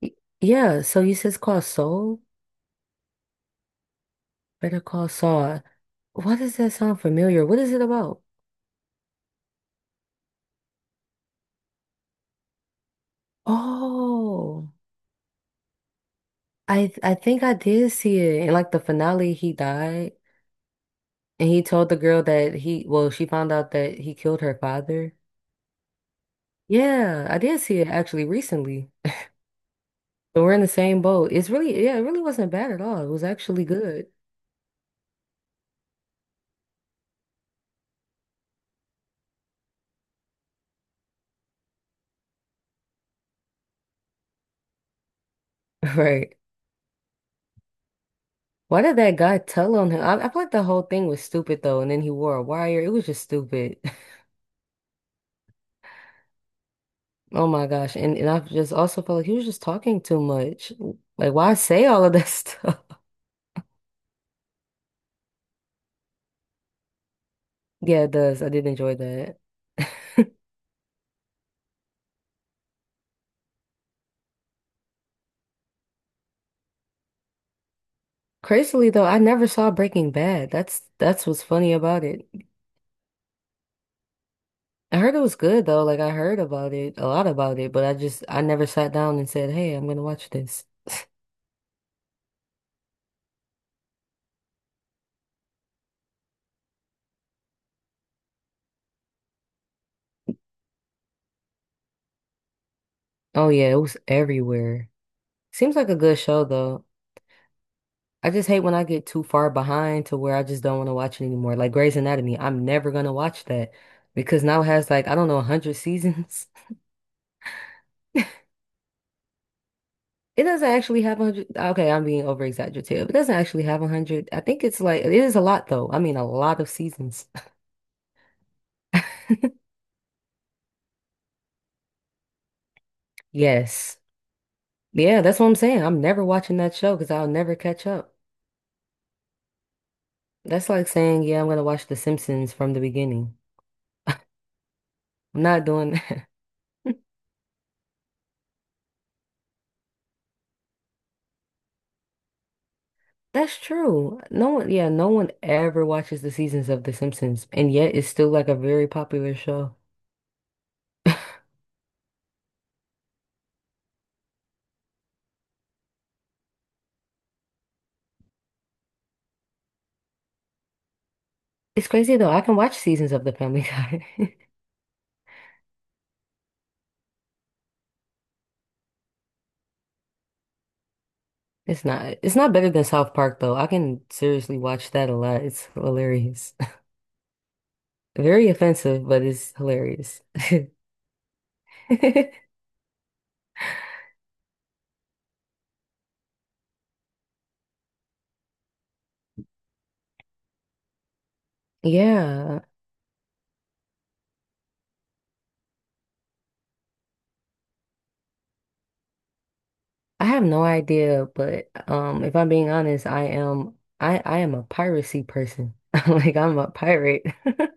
Y- Yeah, so you said it's called Soul, Better Call Saul. Why does that sound familiar? What is it about? Oh, I think I did see it. In like the finale, he died, and he told the girl that he, well, she found out that he killed her father. Yeah, I did see it actually recently. So we're in the same boat. It's really, yeah, it really wasn't bad at all. It was actually good. Right. Why did that guy tell on him? I feel like the whole thing was stupid though, and then he wore a wire. It was just stupid. Oh my gosh. And I just also felt like he was just talking too much. Like why say all of that stuff? Yeah, it does. I did enjoy that. Crazily though, I never saw Breaking Bad. That's what's funny about it. I heard it was good though. Like I heard about it, a lot about it, but I just I never sat down and said, "Hey, I'm gonna watch this." Oh yeah, it was everywhere. Seems like a good show though. I just hate when I get too far behind to where I just don't want to watch it anymore. Like Grey's Anatomy, I'm never gonna watch that because now it has like I don't know 100 seasons. It doesn't actually have 100. Okay, I'm being over exaggerative. It doesn't actually have 100. I think it's like it is a lot though. I mean, a lot of seasons. Yes. Yeah, that's what I'm saying. I'm never watching that show because I'll never catch up. That's like saying, yeah, I'm gonna watch The Simpsons from the beginning. I'm not doing. That's true. No one, yeah, no one ever watches the seasons of The Simpsons, and yet it's still like a very popular show. It's crazy though. I can watch seasons of The Family Guy. It's not better than South Park though. I can seriously watch that a lot. It's hilarious. Very offensive, but it's hilarious. Yeah, I have no idea, but if I'm being honest, I, am, I am a piracy person. Like I'm a pirate.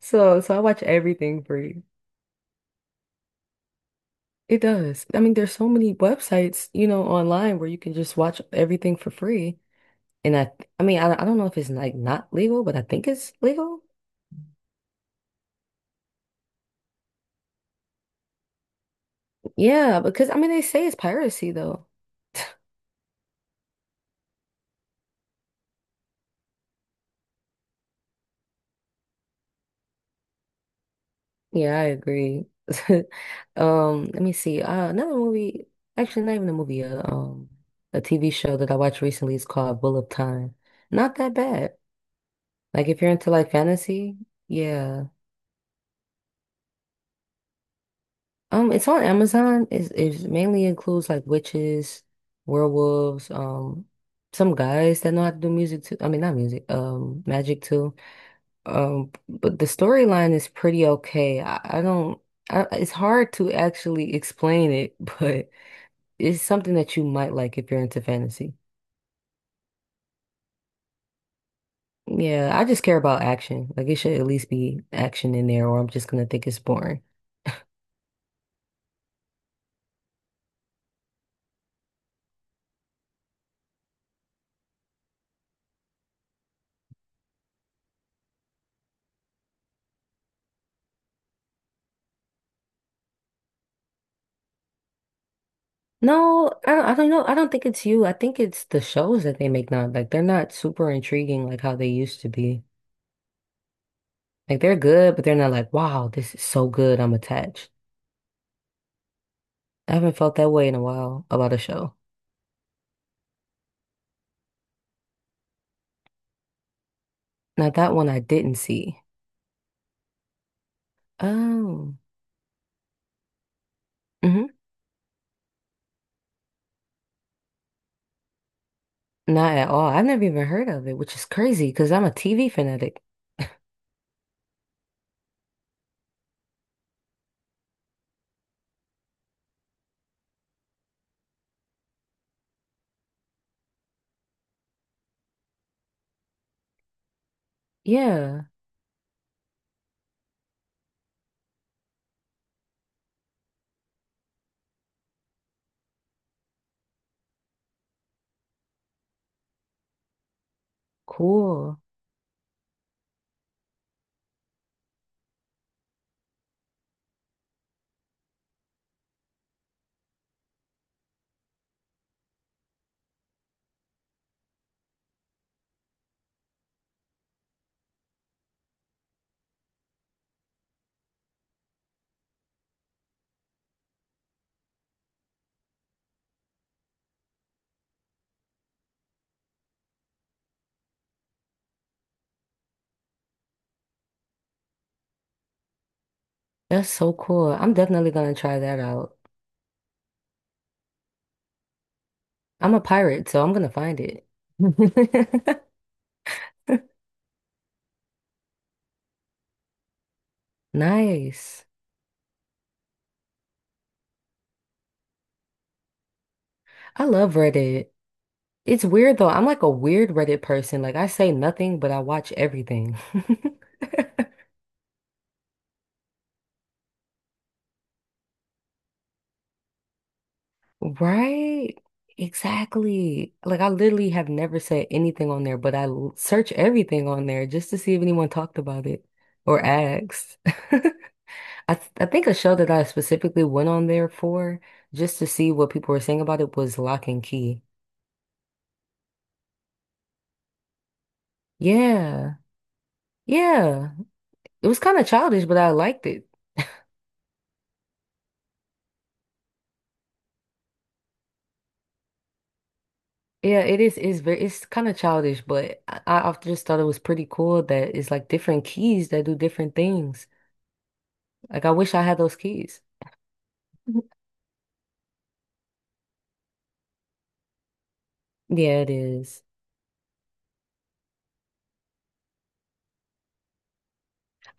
So I watch everything free. It does. I mean, there's so many websites, you know, online where you can just watch everything for free. And I mean, I don't know if it's like not legal, but I think it's legal. Yeah, because I mean, they say it's piracy though. Yeah, I agree. Let me see. Another movie, actually, not even a movie, a TV show that I watched recently is called Bull of Time. Not that bad. Like if you're into like fantasy, yeah. It's on Amazon. It's mainly includes like witches, werewolves, some guys that know how to do music too. I mean, not music, magic too. But the storyline is pretty okay. I don't, I, it's hard to actually explain it, but it's something that you might like if you're into fantasy. Yeah, I just care about action. Like it should at least be action in there, or I'm just gonna think it's boring. No, I don't know. I don't think it's you. I think it's the shows that they make now. Like they're not super intriguing like how they used to be. Like they're good, but they're not like, wow, this is so good. I'm attached. I haven't felt that way in a while about a show. Now that one I didn't see. Oh, hmm. Not at all. I've never even heard of it, which is crazy because I'm a TV fanatic. Yeah, cool. That's so cool. I'm definitely gonna try that out. I'm a pirate, so I'm gonna find it. Nice. I love Reddit. It's weird though. I'm like a weird Reddit person. Like I say nothing, but I watch everything. Right? Exactly. Like I literally have never said anything on there, but search everything on there just to see if anyone talked about it or asked. I think a show that I specifically went on there for just to see what people were saying about it was Lock and Key. Yeah. Yeah. It was kind of childish, but I liked it. Yeah, it is. It's very. It's kind of childish, but I often just thought it was pretty cool that it's like different keys that do different things. Like I wish I had those keys. Yeah, it is.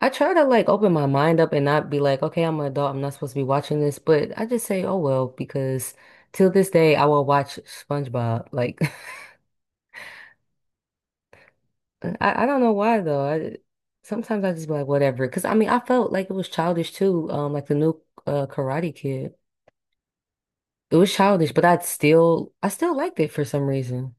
I try to like open my mind up and not be like, okay, I'm an adult. I'm not supposed to be watching this, but I just say, oh well, because till this day, I will watch SpongeBob. Like, I don't know why though. I sometimes I just be like, whatever. Because I mean, I felt like it was childish too. Like the new Karate Kid. It was childish, but I still liked it for some reason.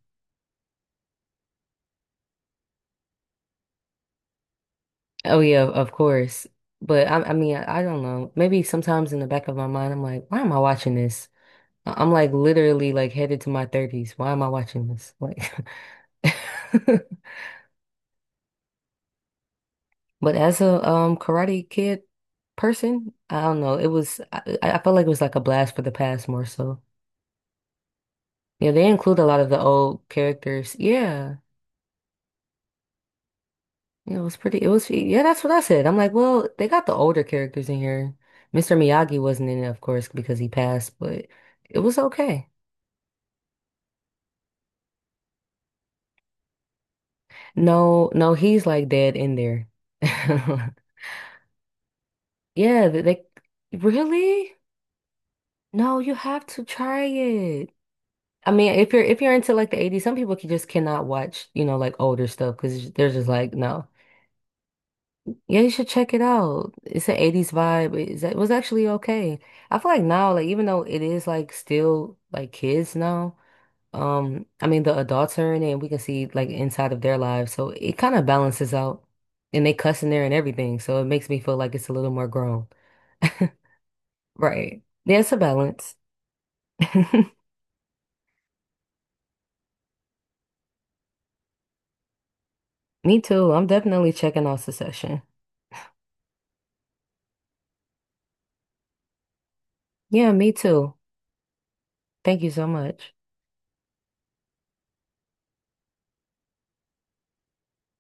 Oh yeah, of course. But I don't know. Maybe sometimes in the back of my mind I'm like, why am I watching this? I'm like literally like headed to my 30s. Why am I watching this? Like But as a Karate Kid person, I don't know. It was I felt like it was like a blast for the past more so. Yeah, they include a lot of the old characters. Yeah. Yeah, It was pretty. Yeah, that's what I said. I'm like, well, they got the older characters in here. Mr. Miyagi wasn't in it, of course, because he passed, but it was okay. No, no, he's like dead in there. Yeah, they really? No, you have to try it. I mean, if you're into like the 80s, some people can just cannot watch, you know, like older stuff because they're just like, no. Yeah, you should check it out. It's an 80s vibe. It was actually okay. I feel like now, like even though it is like still like kids now, I mean the adults are in it and we can see like inside of their lives. So it kind of balances out. And they cuss in there and everything. So it makes me feel like it's a little more grown. Right. Yeah, it's a balance. Me too. I'm definitely checking out Succession. Yeah, me too. Thank you so much.